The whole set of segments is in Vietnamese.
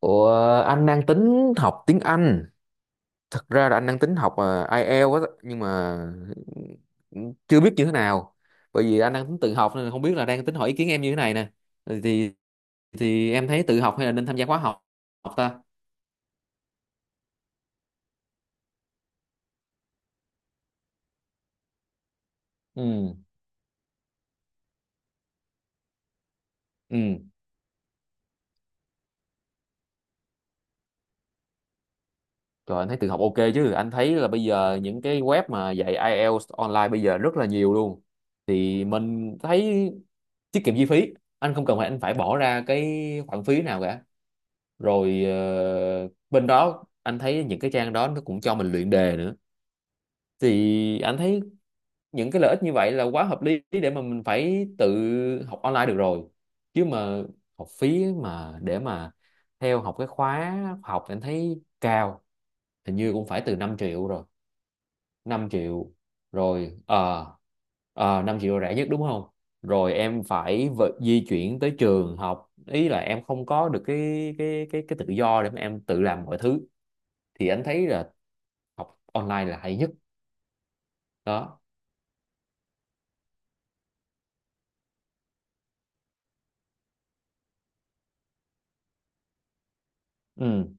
Ủa, anh đang tính học tiếng Anh. Thật ra là anh đang tính học IELTS á, nhưng mà chưa biết như thế nào. Bởi vì anh đang tính tự học nên không biết là đang tính hỏi ý kiến em như thế này nè. Thì thì em thấy tự học hay là nên tham gia khóa học học ta? Ừ, ừ. Rồi anh thấy tự học ok chứ. Anh thấy là bây giờ những cái web mà dạy IELTS online bây giờ rất là nhiều luôn. Thì mình thấy tiết kiệm chi phí. Anh không cần phải anh phải bỏ ra cái khoản phí nào cả, rồi bên đó anh thấy những cái trang đó nó cũng cho mình luyện đề nữa. Thì anh thấy những cái lợi ích như vậy là quá hợp lý để mà mình phải tự học online được rồi, chứ mà học phí mà để mà theo học cái khóa học thì anh thấy cao, hình như cũng phải từ 5 triệu rồi, 5 triệu rồi. Ờ 5 triệu là rẻ nhất đúng không? Rồi em phải di chuyển tới trường học, ý là em không có được cái tự do để mà em tự làm mọi thứ, thì anh thấy là học online là hay nhất đó. Ừ,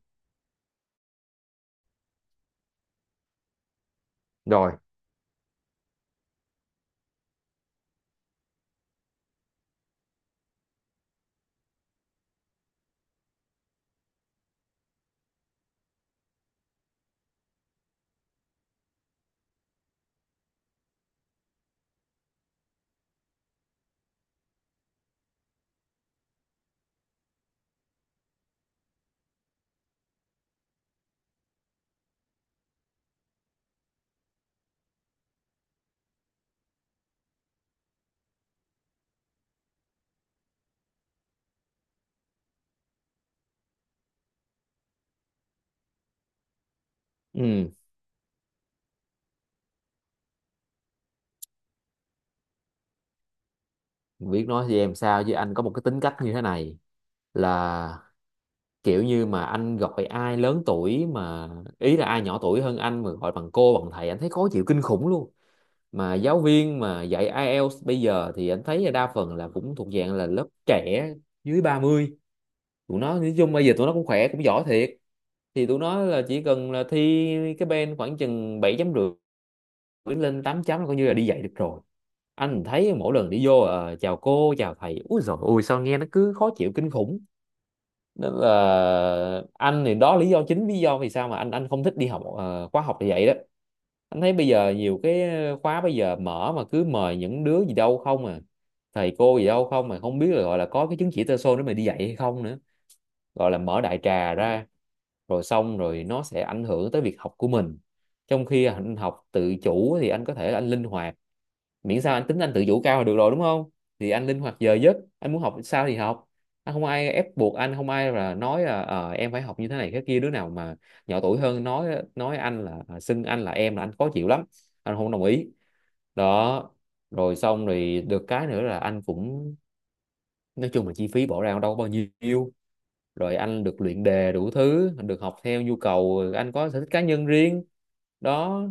rồi, ừ. Biết nói với em sao chứ, anh có một cái tính cách như thế này, là kiểu như mà anh gọi ai lớn tuổi mà, ý là ai nhỏ tuổi hơn anh mà gọi bằng cô bằng thầy anh thấy khó chịu kinh khủng luôn. Mà giáo viên mà dạy IELTS bây giờ thì anh thấy là đa phần là cũng thuộc dạng là lớp trẻ, dưới 30. Tụi nó nói chung bây giờ tụi nó cũng khỏe cũng giỏi thiệt. Thì tụi nó là chỉ cần là thi cái bên khoảng chừng 7.5, cứ lên 8 là coi như là đi dạy được rồi. Anh thấy mỗi lần đi vô chào cô chào thầy, úi dồi ôi sao nghe nó cứ khó chịu kinh khủng. Nên là anh thì đó, lý do chính, lý do vì sao mà anh không thích đi học khóa học thì vậy đó. Anh thấy bây giờ nhiều cái khóa bây giờ mở mà cứ mời những đứa gì đâu không à, thầy cô gì đâu không, mà không biết là gọi là có cái chứng chỉ TESOL để mà đi dạy hay không nữa, gọi là mở đại trà ra, rồi xong rồi nó sẽ ảnh hưởng tới việc học của mình. Trong khi anh học tự chủ thì anh có thể là anh linh hoạt, miễn sao anh tính anh tự chủ cao là được rồi đúng không. Thì anh linh hoạt giờ giấc, anh muốn học sao thì học, anh không ai ép buộc, anh không ai là nói là em phải học như thế này thế kia. Đứa nào mà nhỏ tuổi hơn nói anh là xưng anh là em là anh khó chịu lắm, anh không đồng ý đó. Rồi xong rồi, được cái nữa là anh cũng nói chung là chi phí bỏ ra đâu có bao nhiêu, rồi anh được luyện đề đủ thứ, được học theo nhu cầu, anh có sở thích cá nhân riêng đó.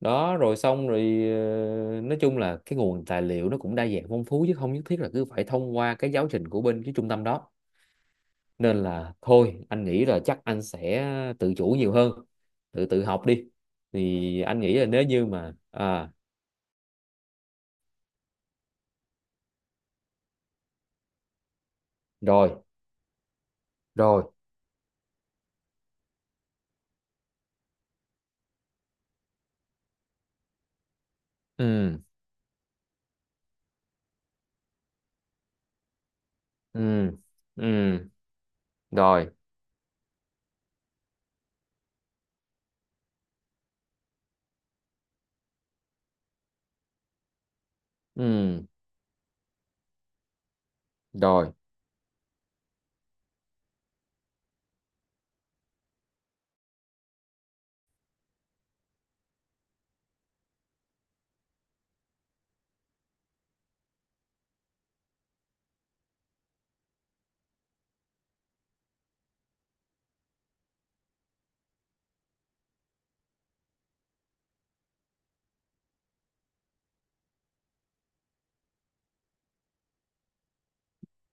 Đó rồi xong rồi, nói chung là cái nguồn tài liệu nó cũng đa dạng phong phú, chứ không nhất thiết là cứ phải thông qua cái giáo trình của bên cái trung tâm đó. Nên là thôi anh nghĩ là chắc anh sẽ tự chủ nhiều hơn, tự tự học đi. Thì anh nghĩ là nếu như mà rồi, rồi, ừ, ừ, ừ, rồi, ừ, rồi,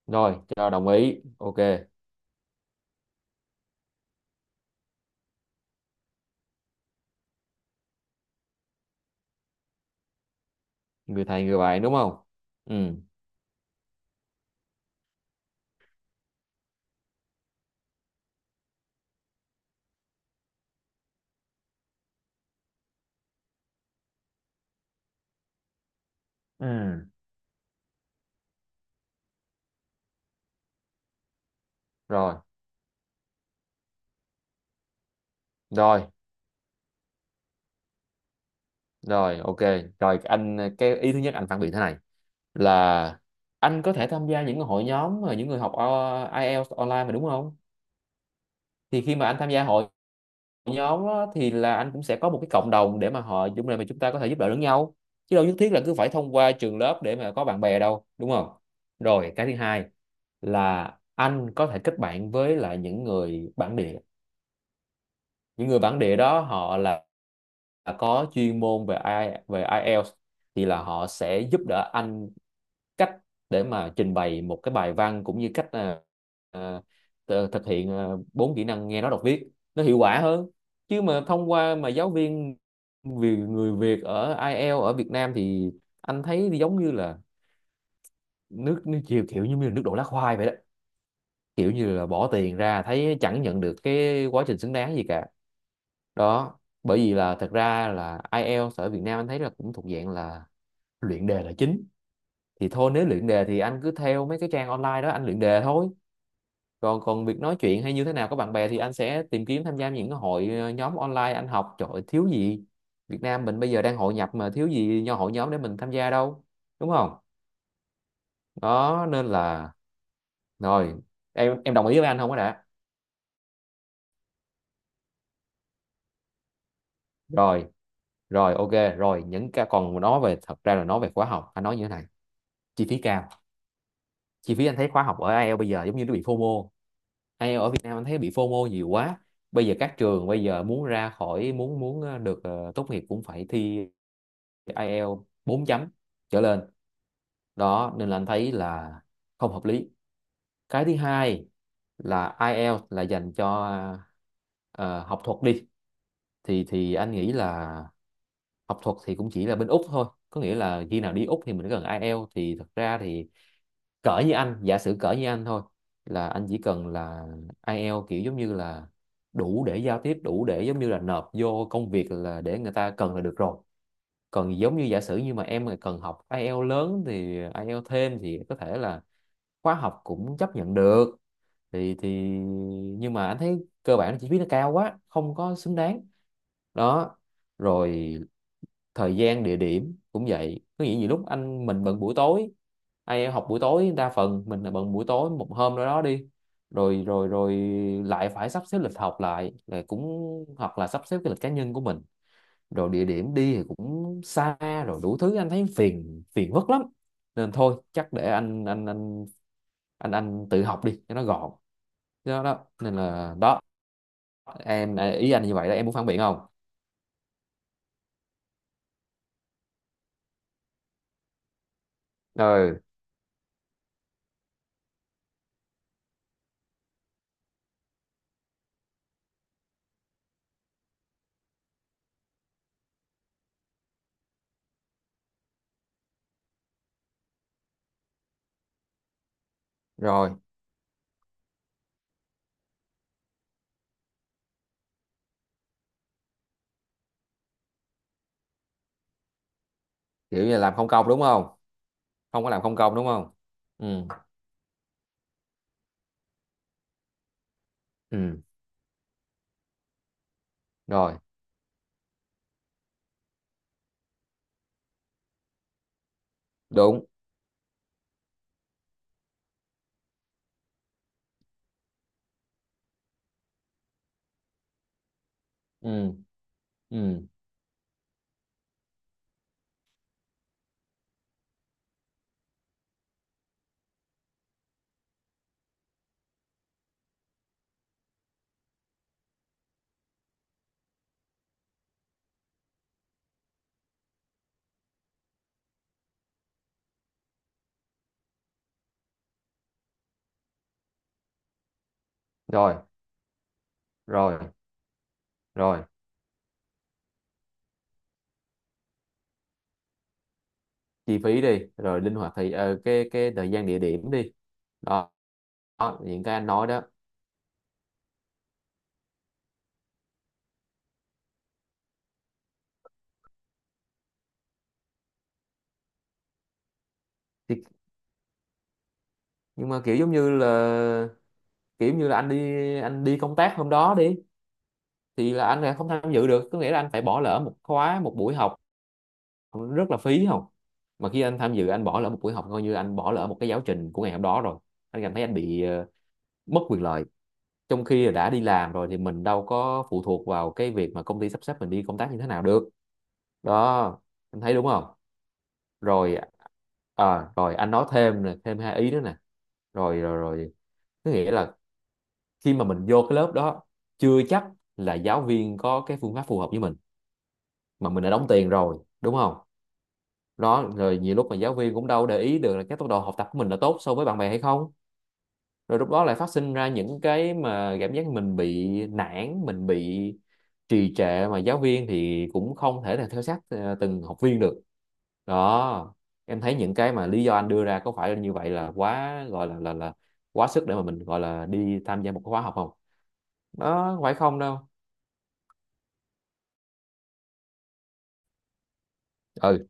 rồi cho đồng ý, ok, người thầy người bạn đúng không? Ừ, ừ, rồi, rồi. Rồi, ok. Rồi anh cái ý thứ nhất anh phản biện thế này là anh có thể tham gia những hội nhóm mà những người học IELTS online mà đúng không? Thì khi mà anh tham gia hội nhóm á, thì là anh cũng sẽ có một cái cộng đồng để mà họ chúng này mà chúng ta có thể giúp đỡ lẫn nhau. Chứ đâu nhất thiết là cứ phải thông qua trường lớp để mà có bạn bè đâu, đúng không? Rồi, cái thứ hai là anh có thể kết bạn với lại những người bản địa, những người bản địa đó họ là có chuyên môn về IELTS, thì là họ sẽ giúp đỡ anh cách để mà trình bày một cái bài văn, cũng như cách ờ, thực hiện 4 kỹ năng nghe nói đọc viết nó hiệu quả hơn. Chứ mà thông qua mà giáo viên, vì người Việt ở IELTS ở Việt Nam thì anh thấy giống như là nước nước chiều kiểu như là nước đổ lá khoai vậy đó, kiểu như là bỏ tiền ra thấy chẳng nhận được cái quá trình xứng đáng gì cả. Đó, bởi vì là thật ra là IELTS ở Việt Nam anh thấy là cũng thuộc dạng là luyện đề là chính, thì thôi nếu luyện đề thì anh cứ theo mấy cái trang online đó anh luyện đề thôi. Còn còn việc nói chuyện hay như thế nào có bạn bè thì anh sẽ tìm kiếm tham gia những cái hội nhóm online anh học, trời ơi, thiếu gì. Việt Nam mình bây giờ đang hội nhập mà, thiếu gì nho hội nhóm để mình tham gia đâu, đúng không? Đó nên là, rồi em đồng ý với anh không có đã. Rồi, rồi ok, rồi những cái còn nói về, thật ra là nói về khóa học anh nói như thế này: chi phí cao. Chi phí anh thấy khóa học ở IELTS bây giờ giống như nó bị FOMO. IELTS ở Việt Nam anh thấy bị FOMO nhiều quá. Bây giờ các trường bây giờ muốn ra khỏi, muốn muốn được tốt nghiệp cũng phải thi IELTS 4 trở lên đó, nên là anh thấy là không hợp lý. Cái thứ hai là IELTS là dành cho ờ, học thuật đi, thì anh nghĩ là học thuật thì cũng chỉ là bên Úc thôi, có nghĩa là khi nào đi Úc thì mình cần IELTS. Thì thật ra thì cỡ như anh, giả sử cỡ như anh thôi, là anh chỉ cần là ai IELTS kiểu giống như là đủ để giao tiếp, đủ để giống như là nộp vô công việc là để người ta cần là được rồi. Còn giống như giả sử như mà em mà cần học ai IELTS lớn thì ai IELTS thêm thì có thể là khóa học cũng chấp nhận được, thì nhưng mà anh thấy cơ bản chi phí nó cao quá, không có xứng đáng đó. Rồi thời gian địa điểm cũng vậy, có nghĩa nhiều lúc anh mình bận buổi tối, ai học buổi tối đa phần mình là bận buổi tối một hôm đó đó đi, rồi, rồi, rồi lại phải sắp xếp lịch học lại, là cũng hoặc là sắp xếp cái lịch cá nhân của mình, rồi địa điểm đi thì cũng xa, rồi đủ thứ anh thấy phiền phiền vất lắm. Nên thôi chắc để anh tự học đi cho nó gọn đó, đó. Nên là đó, em à, ý anh như vậy đó, em muốn phản biện không? Ừ, rồi, kiểu như là làm không công đúng không? Không có làm không công đúng không? Ừ, ừ, rồi đúng, ừ, ừ, rồi, rồi, rồi chi phí đi rồi linh hoạt, thì cái thời gian địa điểm đi, đó, đó những cái anh nói đó. Thì, nhưng mà kiểu giống như là kiểu như là anh đi anh đi công tác hôm đó đi, thì là anh lại không tham dự được, có nghĩa là anh phải bỏ lỡ một buổi học, rất là phí không. Mà khi anh tham dự, anh bỏ lỡ một buổi học coi như anh bỏ lỡ một cái giáo trình của ngày hôm đó rồi, anh cảm thấy anh bị mất quyền lợi. Trong khi là đã đi làm rồi thì mình đâu có phụ thuộc vào cái việc mà công ty sắp xếp mình đi công tác như thế nào được. Đó, anh thấy đúng không? Rồi, rồi anh nói thêm nè, thêm hai ý nữa nè, rồi, rồi, rồi. Có nghĩa là khi mà mình vô cái lớp đó, chưa chắc là giáo viên có cái phương pháp phù hợp với mình, mà mình đã đóng tiền rồi đúng không. Đó rồi nhiều lúc mà giáo viên cũng đâu để ý được là cái tốc độ học tập của mình là tốt so với bạn bè hay không, rồi lúc đó lại phát sinh ra những cái mà cảm giác mình bị nản, mình bị trì trệ, mà giáo viên thì cũng không thể là theo sát từng học viên được đó. Em thấy những cái mà lý do anh đưa ra có phải như vậy là quá gọi là là quá sức để mà mình gọi là đi tham gia một cái khóa học không? Nó không phải không đâu. Ừ,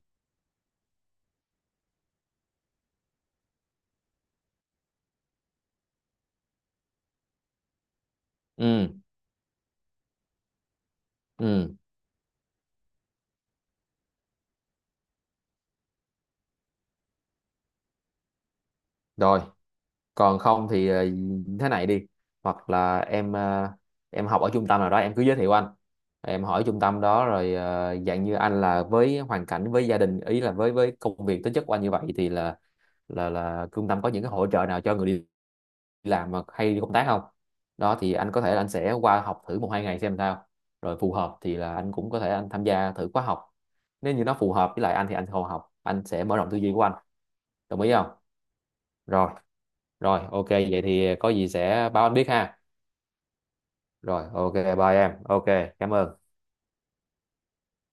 ừ, ừ, rồi còn không thì thế này đi, hoặc là em em học ở trung tâm nào đó em cứ giới thiệu anh, em hỏi trung tâm đó rồi dạng như anh là với hoàn cảnh với gia đình, ý là với công việc tính chất của anh như vậy thì là là trung tâm có những cái hỗ trợ nào cho người đi làm mà hay đi công tác không. Đó thì anh có thể là anh sẽ qua học thử 1 2 ngày xem sao, rồi phù hợp thì là anh cũng có thể anh tham gia thử khóa học. Nếu như nó phù hợp với lại anh thì anh còn học, anh sẽ mở rộng tư duy của anh. Đồng ý không? Rồi, rồi ok, vậy thì có gì sẽ báo anh biết ha. Rồi ok, bye em, ok, cảm ơn.